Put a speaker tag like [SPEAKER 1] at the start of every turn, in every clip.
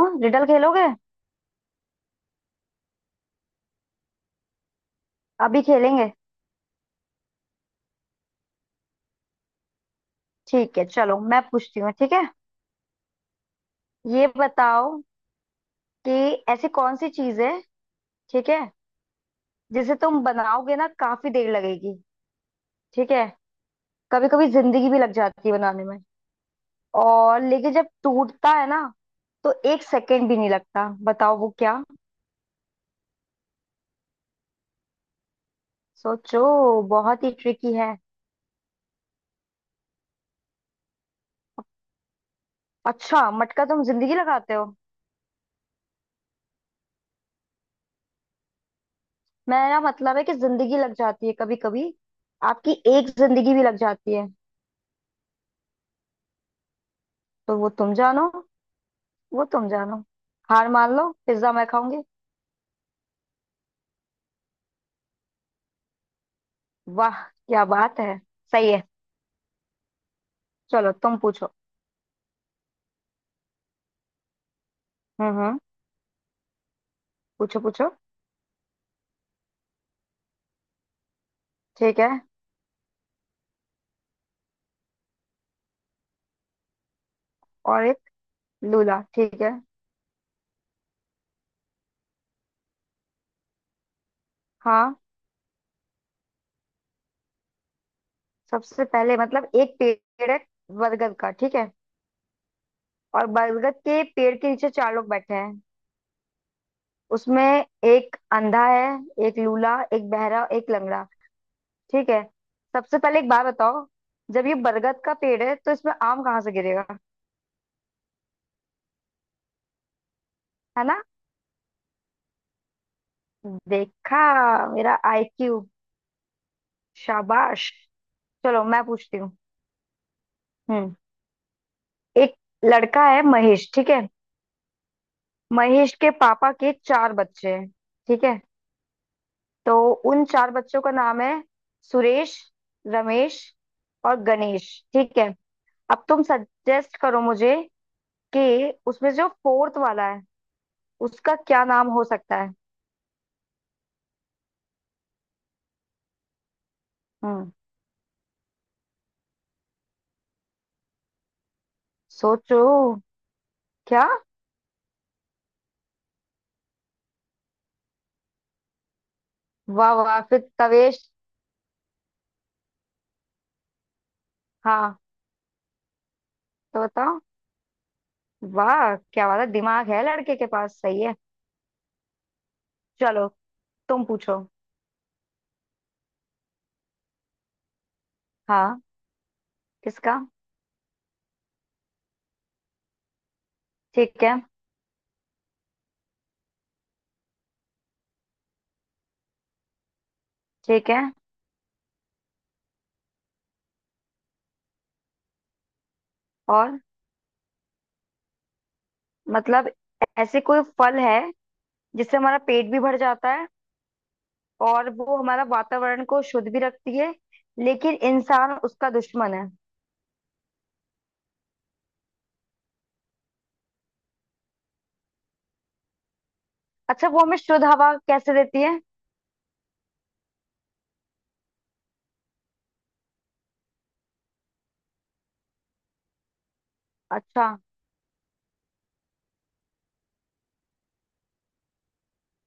[SPEAKER 1] ओ riddle खेलोगे। अभी खेलेंगे। ठीक है, चलो मैं पूछती हूँ, ठीक है। ये बताओ कि ऐसी कौन सी चीज है, ठीक है, जिसे तुम बनाओगे ना, काफी देर लगेगी। ठीक है, कभी कभी जिंदगी भी लग जाती है बनाने में, और लेकिन जब टूटता है ना, तो एक सेकंड भी नहीं लगता। बताओ वो क्या। सोचो, बहुत ही ट्रिकी है। अच्छा मटका तुम जिंदगी लगाते हो। मेरा मतलब है कि जिंदगी लग जाती है कभी कभी। आपकी एक जिंदगी भी लग जाती है। तो वो तुम जानो, वो तुम जानो। हार मान लो, पिज्जा मैं खाऊंगी। वाह, क्या बात है। सही है, चलो तुम पूछो। हम्म। पूछो पूछो। ठीक है। और एक लूला, ठीक है। हाँ। सबसे पहले मतलब एक पेड़ है, बरगद का, ठीक है। और बरगद के पेड़ के नीचे चार लोग बैठे हैं, उसमें एक अंधा है, एक लूला, एक बहरा, एक लंगड़ा। ठीक है, सबसे पहले एक बात बताओ, जब ये बरगद का पेड़ है तो इसमें आम कहाँ से गिरेगा। है ना। देखा, मेरा आईक्यू। शाबाश। चलो मैं पूछती हूँ। हम्म। एक लड़का है महेश, ठीक है। महेश के पापा के चार बच्चे हैं, ठीक है। तो उन चार बच्चों का नाम है सुरेश, रमेश और गणेश, ठीक है। अब तुम सजेस्ट करो मुझे कि उसमें जो फोर्थ वाला है, उसका क्या नाम हो सकता है। हम्म, सोचो। क्या। वाह वाह, फिर तवेश। हाँ तो बताओ। वाह, क्या वाला दिमाग है लड़के के पास, सही है। चलो तुम पूछो। हाँ। किसका। ठीक है। ठीक है और। मतलब ऐसे कोई फल है जिससे हमारा पेट भी भर जाता है, और वो हमारा वातावरण को शुद्ध भी रखती है, लेकिन इंसान उसका दुश्मन है। अच्छा वो हमें शुद्ध हवा कैसे देती है। अच्छा।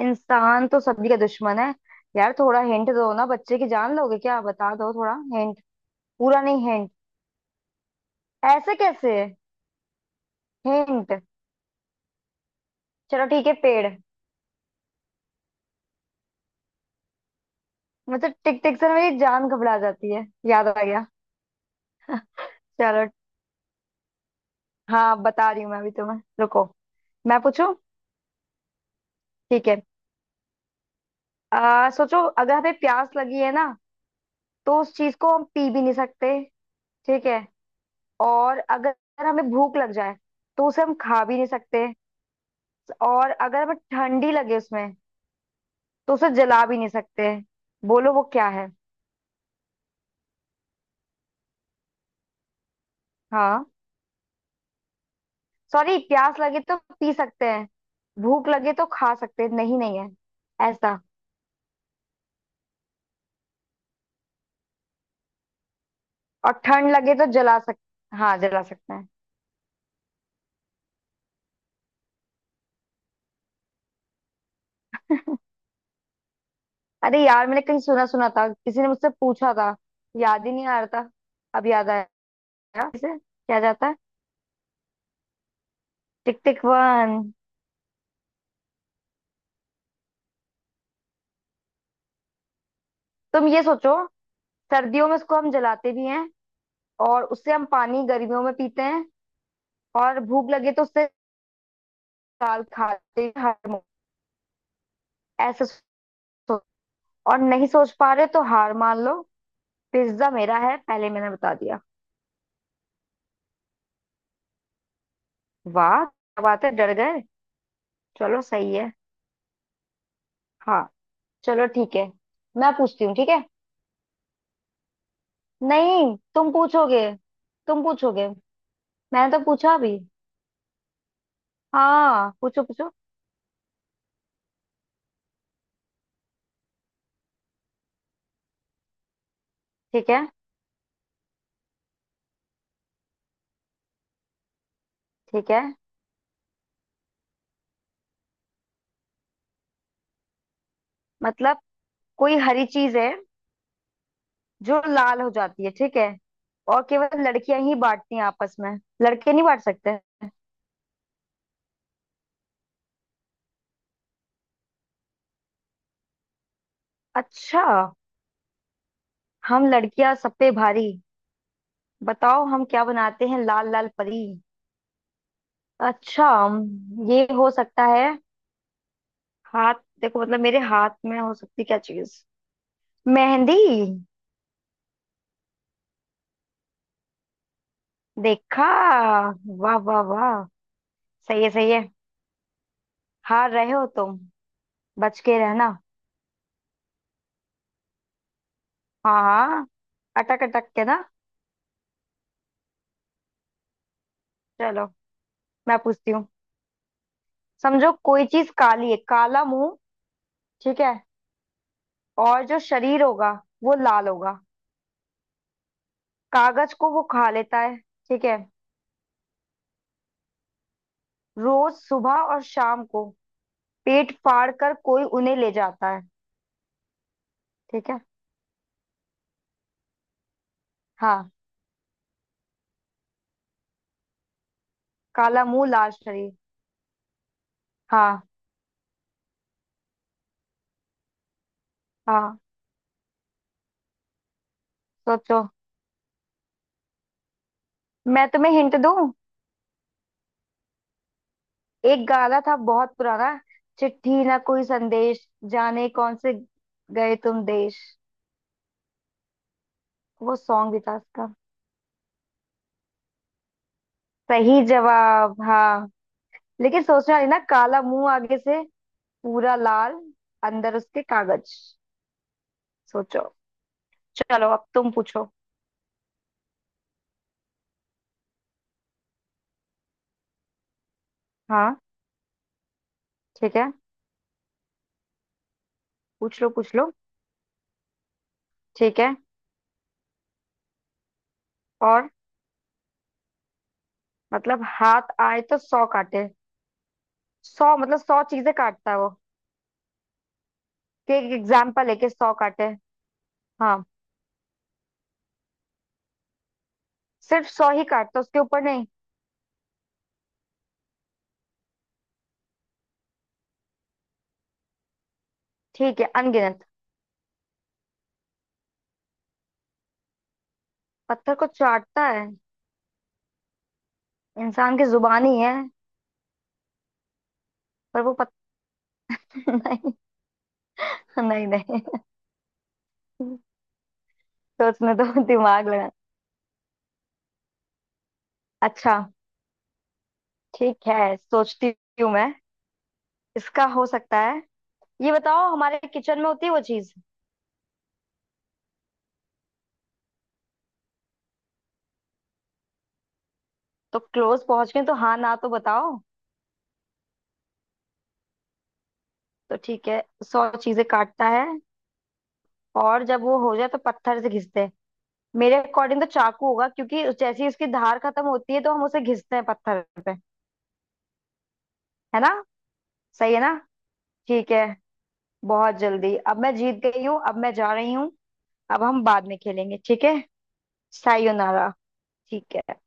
[SPEAKER 1] इंसान तो सभी का दुश्मन है। यार थोड़ा हिंट दो ना, बच्चे की जान लोगे क्या, बता दो थोड़ा हिंट। पूरा नहीं, हिंट। ऐसे कैसे, हिंट। चलो ठीक है, पेड़। मतलब टिक टिक से मेरी जान घबरा जाती है, याद आ गया। चलो। हाँ बता रही हूँ मैं अभी तुम्हें, रुको। मैं पूछूं, ठीक है। सोचो, अगर हमें प्यास लगी है ना, तो उस चीज को हम पी भी नहीं सकते, ठीक है। और अगर हमें भूख लग जाए तो उसे हम खा भी नहीं सकते। और अगर हमें ठंडी लगे उसमें, तो उसे जला भी नहीं सकते। बोलो वो क्या है। हाँ, सॉरी, प्यास लगे तो पी सकते हैं, भूख लगे तो खा सकते हैं, नहीं नहीं है ऐसा। और ठंड लगे तो जला सकते, हाँ जला सकते हैं। अरे यार, मैंने कहीं सुना सुना था, किसी ने मुझसे पूछा था, याद ही नहीं आ रहा था, अब याद आया। इसे क्या जाता है, टिक टिक वन। तुम ये सोचो, सर्दियों में उसको हम जलाते भी हैं, और उससे हम पानी गर्मियों में पीते हैं, और भूख लगे तो उससे दाल खाते हैं हर मौसम। ऐसे सोचो, और नहीं सोच पा रहे तो हार मान लो, पिज्जा मेरा है, पहले मैंने बता दिया। वाह क्या बात है, डर गए। चलो सही है। हाँ, चलो ठीक है, मैं पूछती हूँ, ठीक है। नहीं, तुम पूछोगे, तुम पूछोगे, मैंने तो पूछा अभी। हाँ, पूछो पूछो। ठीक है। ठीक है, मतलब कोई हरी चीज है जो लाल हो जाती है, ठीक है। और केवल लड़कियां ही बांटती हैं आपस में, लड़के नहीं बांट सकते। अच्छा, हम लड़कियां सब पे भारी। बताओ हम क्या बनाते हैं लाल लाल परी। अच्छा, ये हो सकता है, हाथ। देखो मतलब मेरे हाथ में हो सकती क्या चीज, मेहंदी। देखा, वाह वाह वाह। सही है सही है। हार रहे हो तुम, बच के रहना। हाँ हाँ, अटक अटक के ना। चलो मैं पूछती हूँ। समझो कोई चीज काली है, काला मुंह, ठीक है। और जो शरीर होगा वो लाल होगा। कागज को वो खा लेता है, ठीक है। रोज सुबह और शाम को पेट फाड़ कर कोई उन्हें ले जाता है, ठीक है। हाँ। काला मुंह, लाल शरीर। हाँ, हाँ। सोचो, मैं तुम्हें हिंट दूँ। एक गाना था बहुत पुराना, चिट्ठी ना कोई संदेश, जाने कौन से गए तुम देश, वो सॉन्ग भी था उसका। सही जवाब, हाँ। लेकिन सोचना नहीं ना, काला मुंह आगे से, पूरा लाल, अंदर उसके कागज। सोचो, चलो अब तुम पूछो। हाँ, ठीक है। पूछ लो पूछ लो। ठीक है और। मतलब हाथ आए तो सौ काटे, सौ मतलब सौ चीजें काटता है वो। कि एक एग्जाम्पल लेके सौ काटे। हाँ, सिर्फ सौ ही काटता, उसके ऊपर नहीं। ठीक है, अनगिनत। पत्थर को चाटता है, इंसान की जुबान ही है। पर वो पत्थर नहीं, नहीं नहीं। सोचने दो, दिमाग लगा। अच्छा, ठीक है, सोचती हूँ मैं। इसका हो सकता है, ये बताओ हमारे किचन में होती है वो चीज। तो क्लोज पहुंच गए तो हाँ ना, तो बताओ। तो ठीक है, सौ चीजें काटता है, और जब वो हो जाए तो पत्थर से घिसते हैं। मेरे अकॉर्डिंग तो चाकू होगा, क्योंकि जैसी उसकी धार खत्म होती है तो हम उसे घिसते हैं पत्थर पे, है ना। सही है ना। ठीक है, बहुत जल्दी अब मैं जीत गई हूँ, अब मैं जा रही हूँ। अब हम बाद में खेलेंगे, ठीक है। सायोनारा, ठीक है।